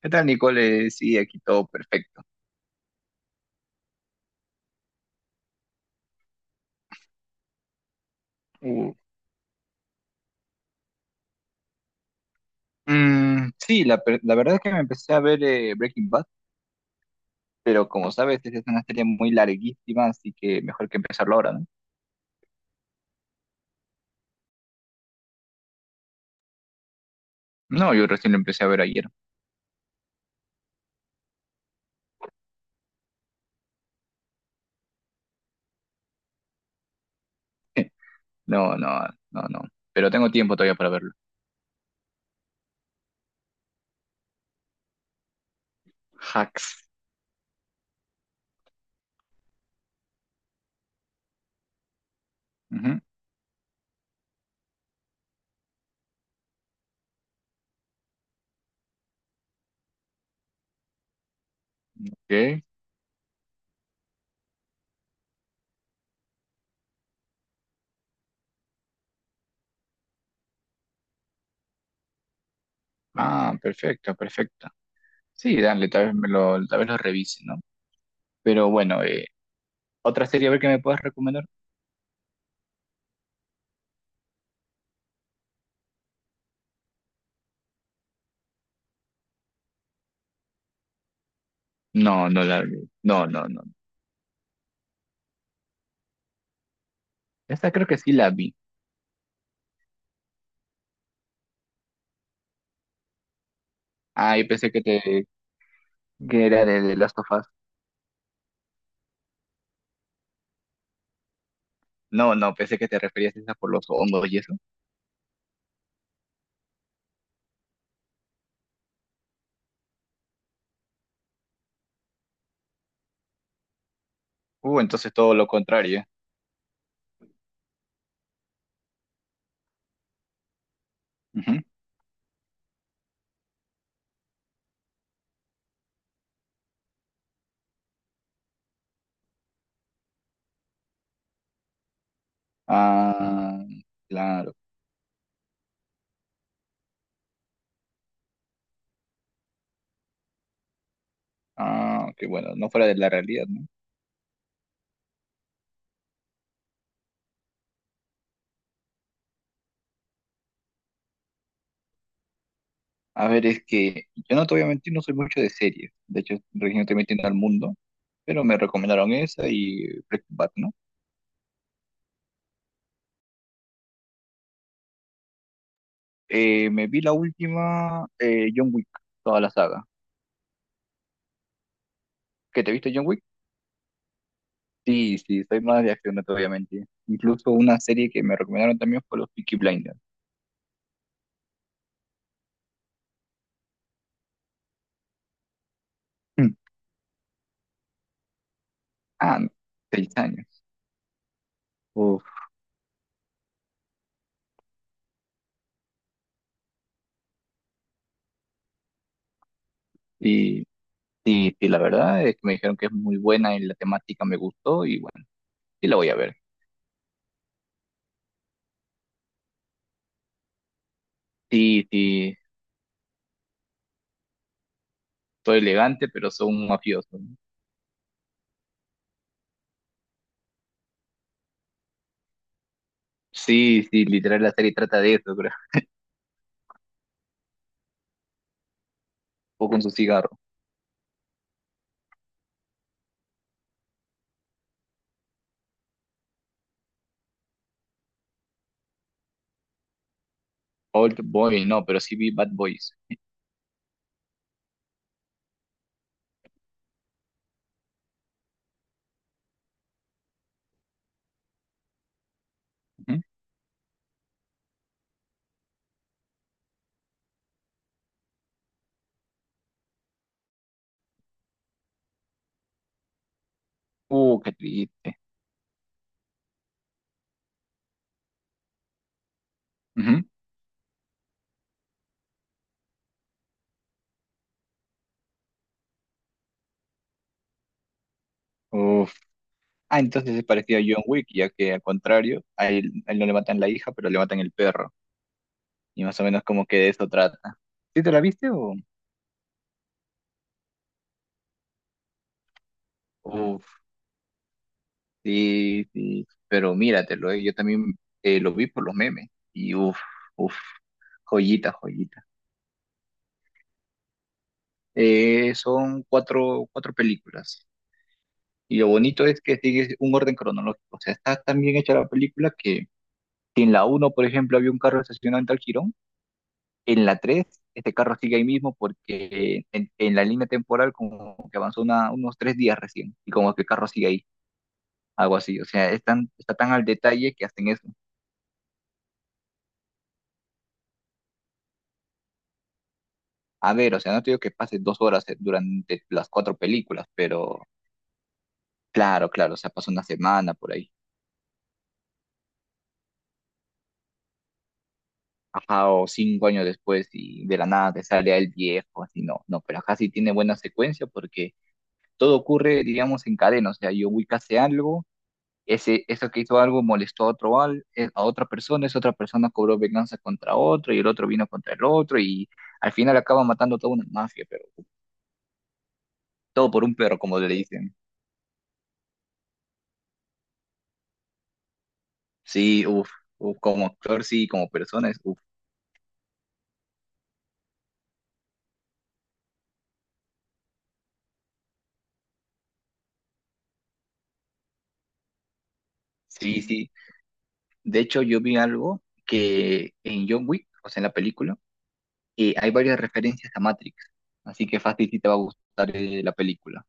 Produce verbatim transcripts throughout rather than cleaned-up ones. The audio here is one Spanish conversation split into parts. ¿Qué tal, Nicole? Sí, aquí todo perfecto. Uh, mm, sí, la, per- la verdad es que me empecé a ver eh, Breaking Bad, pero como sabes, es una serie muy larguísima, así que mejor que empezarlo ahora, ¿no? No, yo recién lo empecé a ver ayer. No, no, no, no. Pero tengo tiempo todavía para verlo. Hacks. Ujú, ok. Ah, perfecto, perfecto. Sí, dale, tal vez me lo, tal vez lo revise, ¿no? Pero bueno, eh, ¿otra serie a ver que me puedas recomendar? No, no la vi. No, no, no. Esta creo que sí la vi. Ah, yo pensé que te, que era de The Last of Us. No, no, pensé que te referías a esa por los hongos y eso. Uh, entonces todo lo contrario. Ujú. Ah, claro. Ah, que bueno, no fuera de la realidad, ¿no? A ver, es que yo no te voy a mentir, no soy mucho de series. De hecho, recién estoy metiendo al mundo, pero me recomendaron esa y Breaking Bad, ¿no? Eh, me vi la última, eh, John Wick, toda la saga. ¿Qué te viste John Wick? Sí, sí, soy más de acción, no te voy a mentir. Incluso una serie que me recomendaron también fue los Peaky Blinders. Ah, no, seis años. Uf, y, y, y la verdad es que me dijeron que es muy buena y la temática me gustó y bueno, sí la voy a ver. Sí, sí, soy elegante, pero soy un mafioso, ¿no? Sí, sí, literal la serie trata de eso, creo. O con su cigarro. Old Boy, no, pero sí vi Bad Boys. Ujú. Uh, qué triste. Ujú. Uf. Ah, entonces es parecido a John Wick, ya que al contrario, a él, a él no le matan la hija, pero le matan el perro. Y más o menos como que de eso trata. ¿Sí te la viste o...? Uf. Sí, sí, pero míratelo. eh, Yo también eh, lo vi por los memes y uff, uff, joyita, joyita. Eh, son cuatro, cuatro películas y lo bonito es que sigue un orden cronológico, o sea, está tan bien hecha la película que si en la uno, por ejemplo, había un carro estacionado en tal jirón, en la tres este carro sigue ahí mismo porque en, en la línea temporal como que avanzó una- unos tres días recién y como que el carro sigue ahí, algo así, o sea, es tan- está tan al detalle que hacen eso. A ver, o sea, no te digo que pases dos horas eh, durante las cuatro películas, pero claro, claro, o sea, pasa una semana por ahí. Ajá, o cinco años después y de la nada te sale el viejo, así no, no, pero acá sí tiene buena secuencia porque todo ocurre, digamos, en cadena, o sea, Yowik hace algo, ese, eso que hizo algo molestó a otro, al- eh, a otra persona, esa otra persona cobró venganza contra otro y el otro vino contra el otro y al final acaba matando toda una mafia, pero todo por un perro, como le dicen. Sí, uff, uf, uf, como actor, sí, como persona, uff. Sí, sí. De hecho, yo vi algo que en John Wick, o sea, en la película, eh, hay varias referencias a Matrix. Así que fácil sí te va a gustar eh, la película.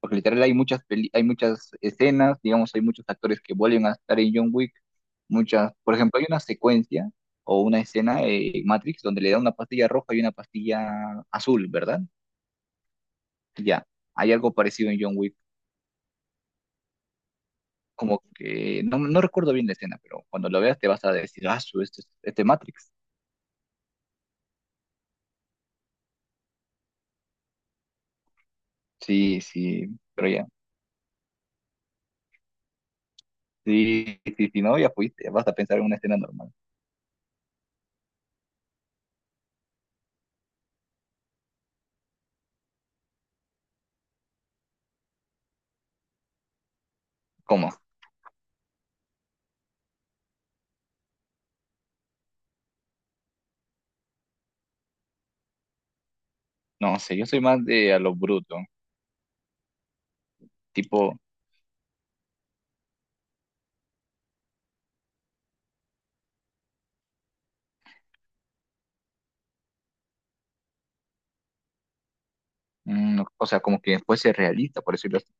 Porque literal hay muchas peli- hay muchas escenas, digamos, hay muchos actores que vuelven a estar en John Wick. Muchas, por ejemplo, hay una secuencia o una escena eh, en Matrix donde le da una pastilla roja y una pastilla azul, ¿verdad? Ya, hay algo parecido en John Wick. Como que no, no recuerdo bien la escena, pero cuando lo veas te vas a decir, ah, su, este, este Matrix. Sí, sí, pero ya. Sí, sí, sí, no, ya fuiste. Vas a pensar en una escena normal. ¿Cómo? No sé, yo soy más de a lo bruto. Tipo, mm, o sea, como que fuese realista, por decirlo así.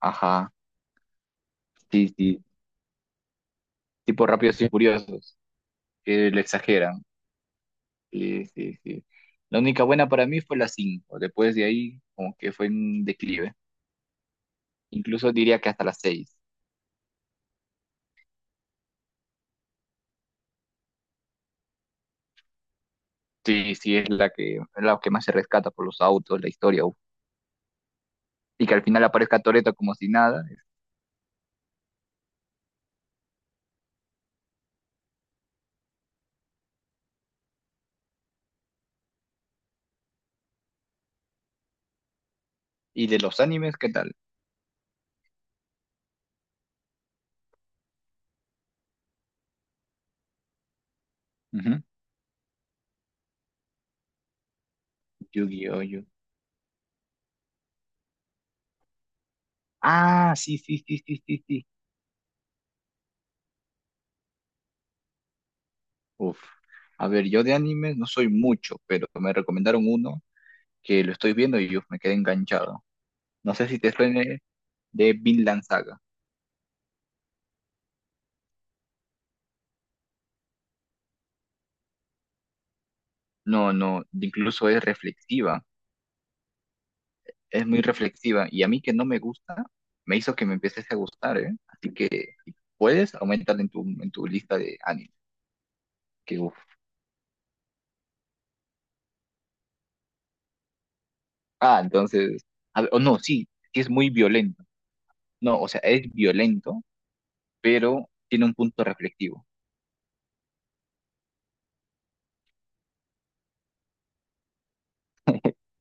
Ajá, sí, sí. Tipo rápidos y furiosos, que le exageran. Sí, sí, sí. La única buena para mí fue la cinco. Después de ahí, como que fue un declive. Incluso diría que hasta la seis. Sí, sí, es la que, la que más se rescata por los autos, la historia. Uf. Y que al final aparezca Toretto como si nada. ¿Y de los animes, qué tal? Ujú. Yu-Gi-Oh! Yu- Ah, sí, sí, sí, sí, sí, sí. Uf. A ver, yo de anime no soy mucho, pero me recomendaron uno que lo estoy viendo y uf, me quedé enganchado. No sé si te suene de Vinland Saga. No, no, incluso es reflexiva, es muy reflexiva y a mí que no me gusta, me hizo que me empieces a gustar, ¿eh? Así que si puedes aumentar en tu, en tu lista de anime. Que uf. Ah, entonces, a ver, o no, sí, sí es muy violento. No, o sea, es violento, pero tiene un punto reflexivo.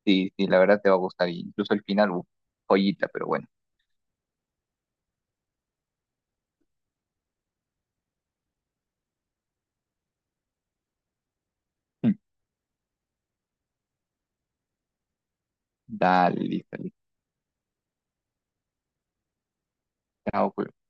Sí, sí, la verdad te va a gustar. Incluso el final, uf, joyita, pero bueno. Dale, listo, listo. Chao, pues.